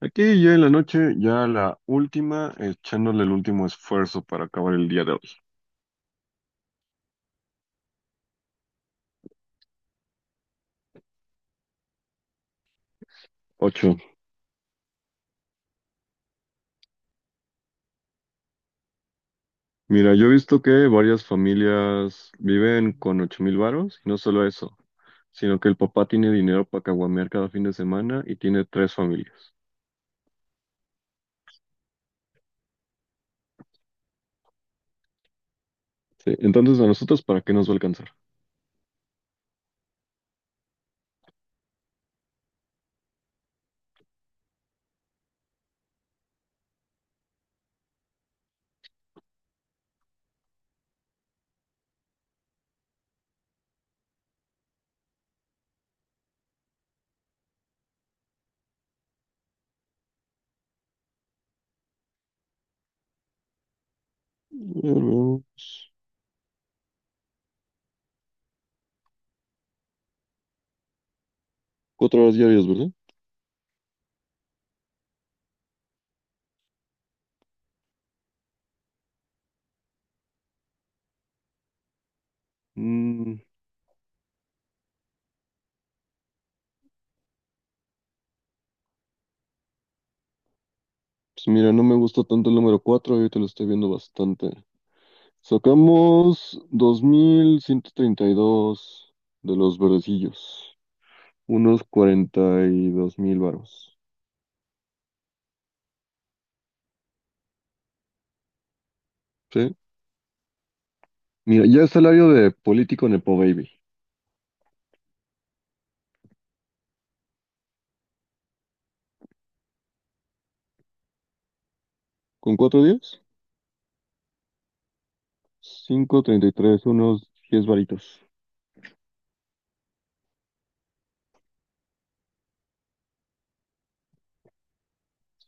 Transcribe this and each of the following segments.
Aquí ya en la noche, ya la última, echándole el último esfuerzo para acabar el día de hoy. Ocho. Mira, yo he visto que varias familias viven con 8.000 varos, y no solo eso, sino que el papá tiene dinero para caguamear cada fin de semana y tiene tres familias. Sí, entonces a nosotros, ¿para qué nos va a alcanzar? Bueno, cuatro horas diarias, ¿verdad? Mm, pues mira, no me gusta tanto el número cuatro, ahorita lo estoy viendo bastante. Sacamos 2.132 de los verdecillos, unos 42.000 varos. ¿Sí? Mira, ya el salario de político Nepo Baby. ¿Con cuatro días? Cinco treinta y tres, unos 10 varitos.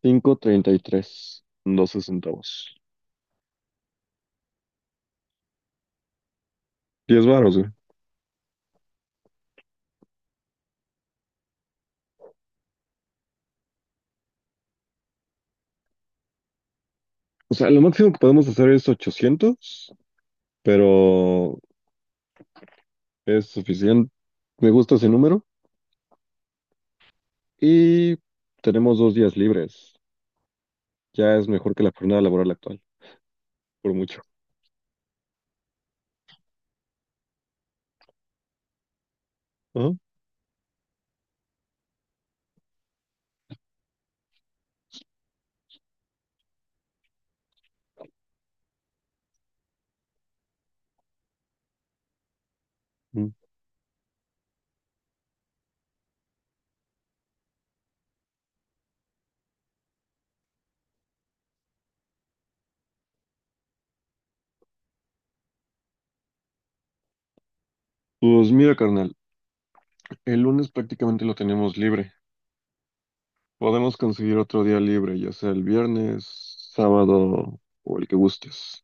Cinco treinta y tres, 12 centavos. Diez varos, güey. O sea, lo máximo que podemos hacer es 800, pero es suficiente. Me gusta ese número. Y tenemos dos días libres. Ya es mejor que la jornada laboral actual. Por mucho. Ajá. Mm. Pues mira, carnal, el lunes prácticamente lo tenemos libre. Podemos conseguir otro día libre, ya sea el viernes, sábado o el que gustes.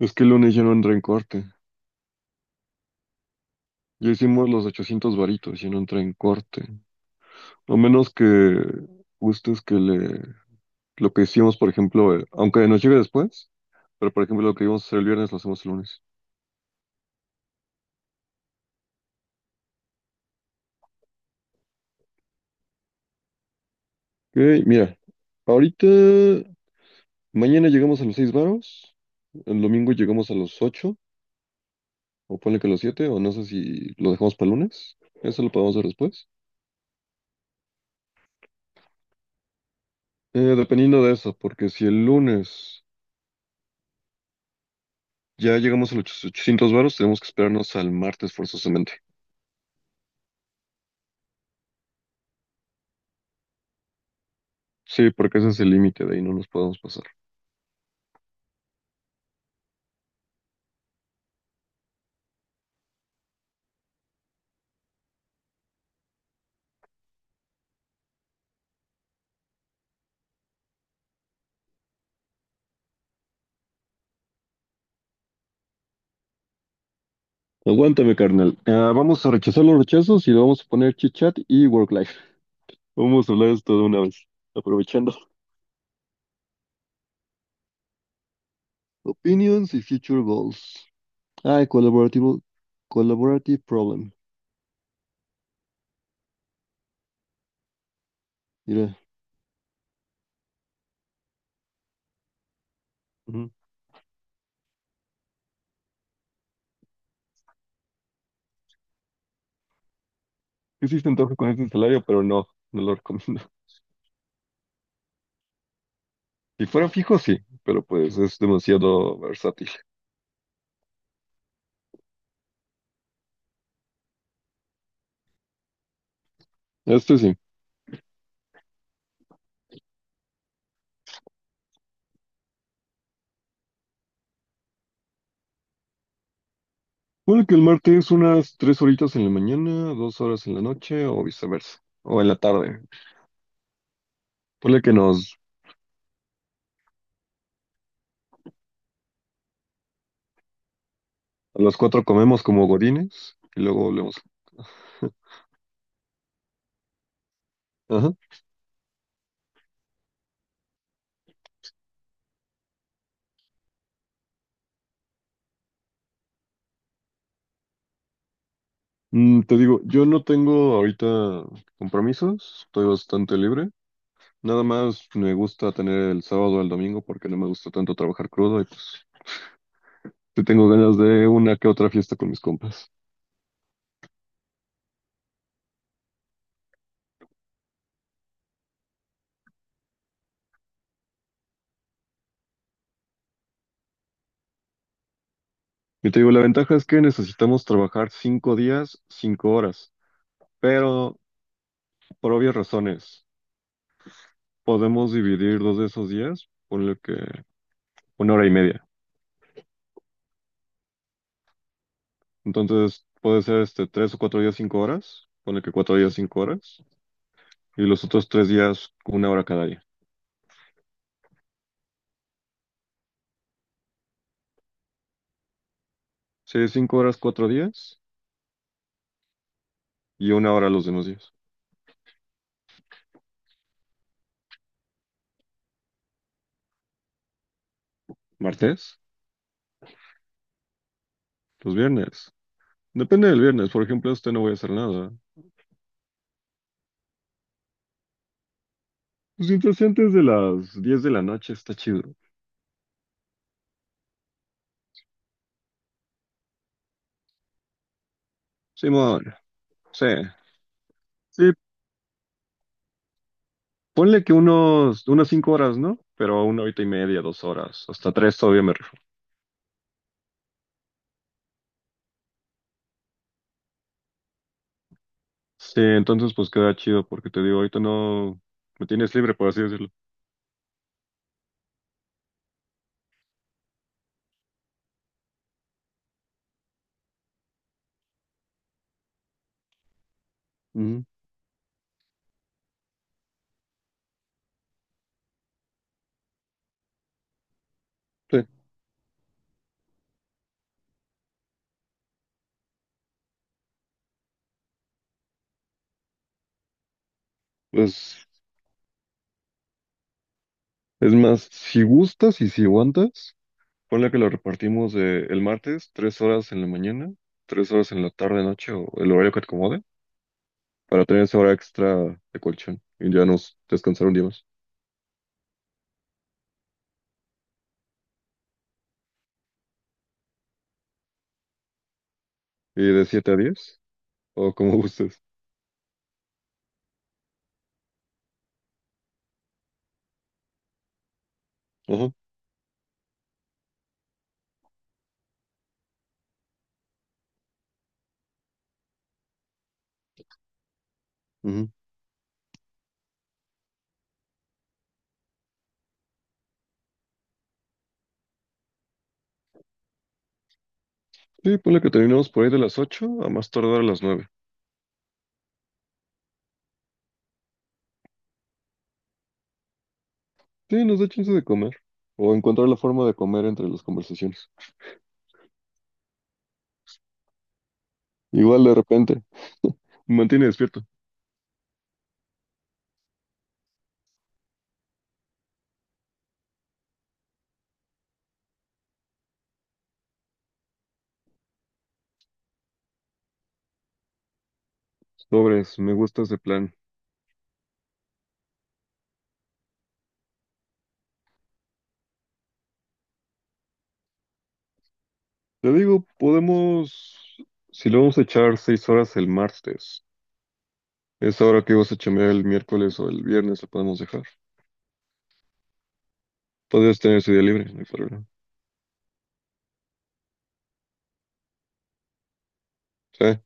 Es que el lunes ya no entra en corte. Ya hicimos los 800 varitos, ya no entra en corte. A menos que gustes lo que hicimos, por ejemplo, aunque nos llegue después, pero por ejemplo lo que íbamos a hacer el viernes lo hacemos el lunes. Ok, mira, ahorita, mañana llegamos a los 6 varos, el domingo llegamos a los 8. O ponle que los siete, o no sé si lo dejamos para el lunes. Eso lo podemos ver después. Dependiendo de eso, porque si el lunes ya llegamos a los 800 varos, tenemos que esperarnos al martes forzosamente. Sí, porque ese es el límite, de ahí no nos podemos pasar. Aguántame, carnal. Ah, vamos a rechazar los rechazos y le vamos a poner chit chat y work life. Vamos a hablar de esto de una vez, aprovechando. Opinions y future goals. Ah, collaborative problem. Mira, ujú. Que sí se antoja con este salario, pero no, no lo recomiendo. Si fuera fijo, sí, pero pues es demasiado versátil. Este sí. Puede que el martes es unas tres horitas en la mañana, dos horas en la noche o viceversa, o en la tarde. Puede que nos A las cuatro comemos como gorines y luego volvemos. Ajá. Te digo, yo no tengo ahorita compromisos, estoy bastante libre. Nada más me gusta tener el sábado o el domingo porque no me gusta tanto trabajar crudo y pues te tengo ganas de una que otra fiesta con mis compas. Yo te digo, la ventaja es que necesitamos trabajar cinco días, cinco horas, pero por obvias razones podemos dividir dos de esos días, ponle que una hora y media. Entonces puede ser tres o cuatro días, cinco horas, ponle que cuatro días, cinco horas, y los otros tres días, una hora cada día. Sí, cinco horas, cuatro días y una hora los demás días. ¿Martes? Los viernes. Depende del viernes, por ejemplo, este no voy a hacer nada. Pues mientras sea antes de las 10 de la noche está chido. Simón, sí. Sí, ponle que unas cinco horas, ¿no? Pero una horita y media, dos horas, hasta tres todavía me rifo. Sí, entonces pues queda chido porque te digo, ahorita no me tienes libre, por así decirlo. Ujú, sí, pues es más, si gustas y si aguantas, ponle que lo repartimos de el martes, tres horas en la mañana, tres horas en la tarde, noche o el horario que te acomode, para tener esa hora extra de colchón y ya nos descansar un día más. Y de siete a diez, o como gustes. Ajá. Ujú. Sí, ponle que terminamos por ahí de las 8, a más tardar a las nueve. Sí, nos da chance de comer. O encontrar la forma de comer entre las conversaciones. Igual de repente. Me mantiene despierto. Sobres, me gusta ese plan. Te digo, podemos... Si lo vamos a echar 6 horas el martes, esa hora que vas a chambear el miércoles o el viernes la podemos dejar. Podrías tener ese día libre, no hay problema. Sí.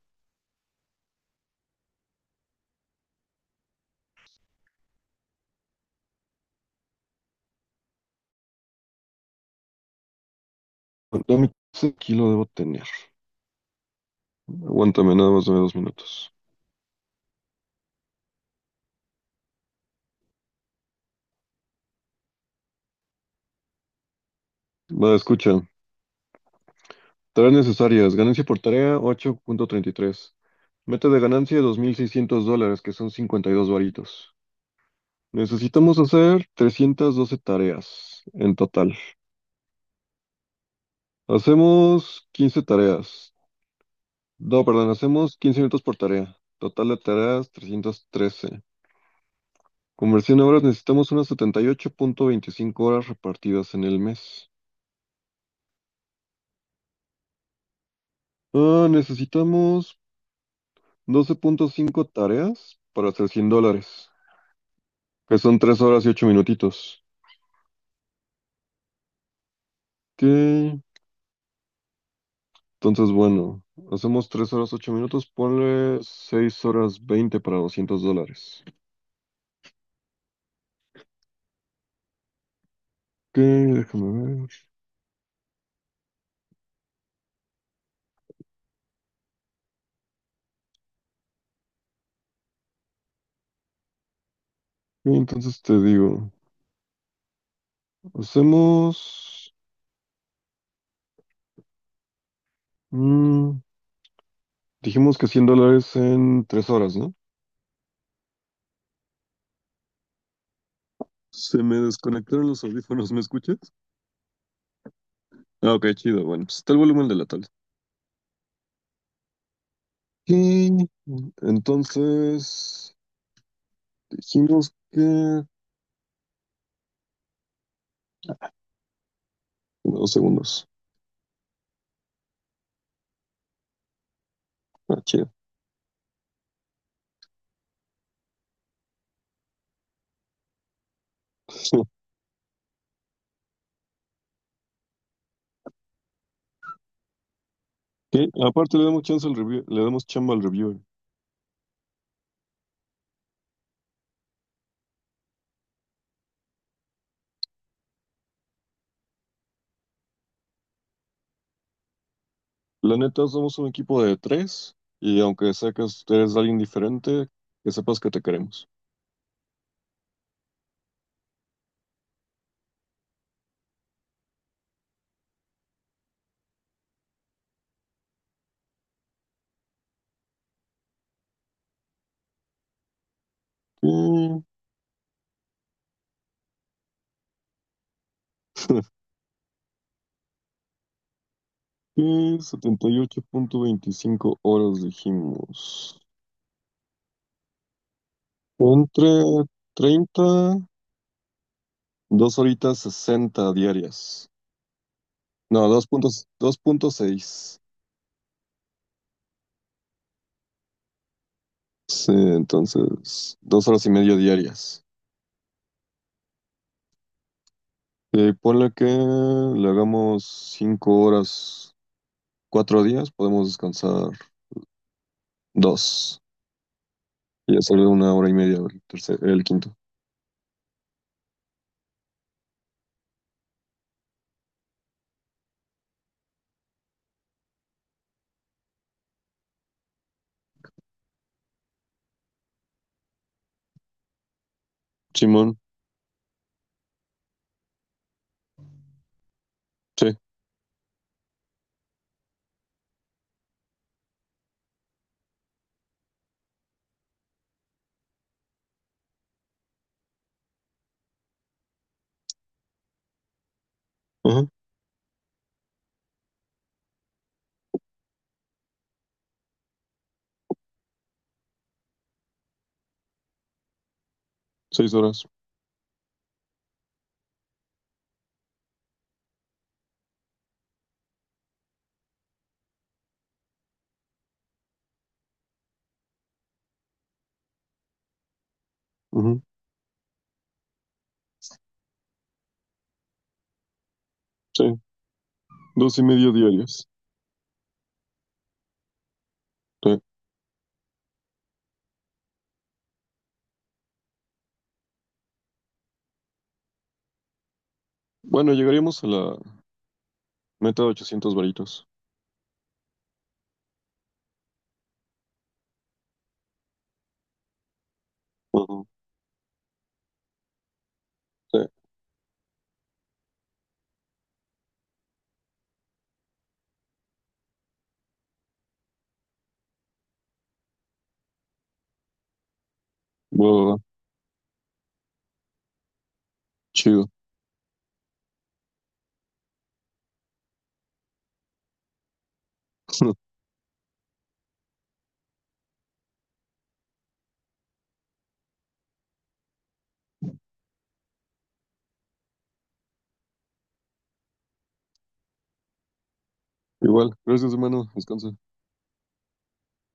Dame- Aquí lo debo tener. Aguántame, nada más de dos minutos. Va, escucha. Tareas necesarias. Ganancia por tarea 8.33. Meta de ganancia $2.600, que son 52 varitos. Necesitamos hacer 312 tareas en total. Hacemos 15 tareas. No, perdón, hacemos 15 minutos por tarea. Total de tareas 313. Conversión a horas necesitamos unas 78.25 horas repartidas en el mes. Ah, necesitamos 12.5 tareas para hacer $100, que son 3 horas y 8 minutitos. Ok. Entonces, bueno, hacemos 3 horas 8 minutos, ponle 6 horas 20 para $200. Ok, déjame ver. Ok, entonces te digo, hacemos... mm, dijimos que $100 en 3 horas, ¿no? Se me desconectaron los audífonos, ¿me escuchas? Ah, ok, chido, bueno, pues está el volumen de la tablet. Ok, entonces dijimos que... Dos segundos. Ah, chido. Ok, aparte le damos chance al review, le damos chamba al reviewer. La neta, somos un equipo de tres y aunque sea que ustedes alguien diferente, que sepas que te queremos. Y- y 78.25 horas dijimos. Entre 30 2 horitas 60 diarias. No, 2.6. 2.6. Sí, entonces, dos horas y media diarias. Ponle que le hagamos cinco horas, cuatro días, podemos descansar dos. Y ya salió una hora y media el tercer, el quinto. Simón, sí, ajá, seis horas, ujú, sí, dos y medio diarias, sí. Bueno, llegaríamos a la meta de 800 varitos. Ujú, sí, va, va, va, chido. Igual, gracias hermano, descansa.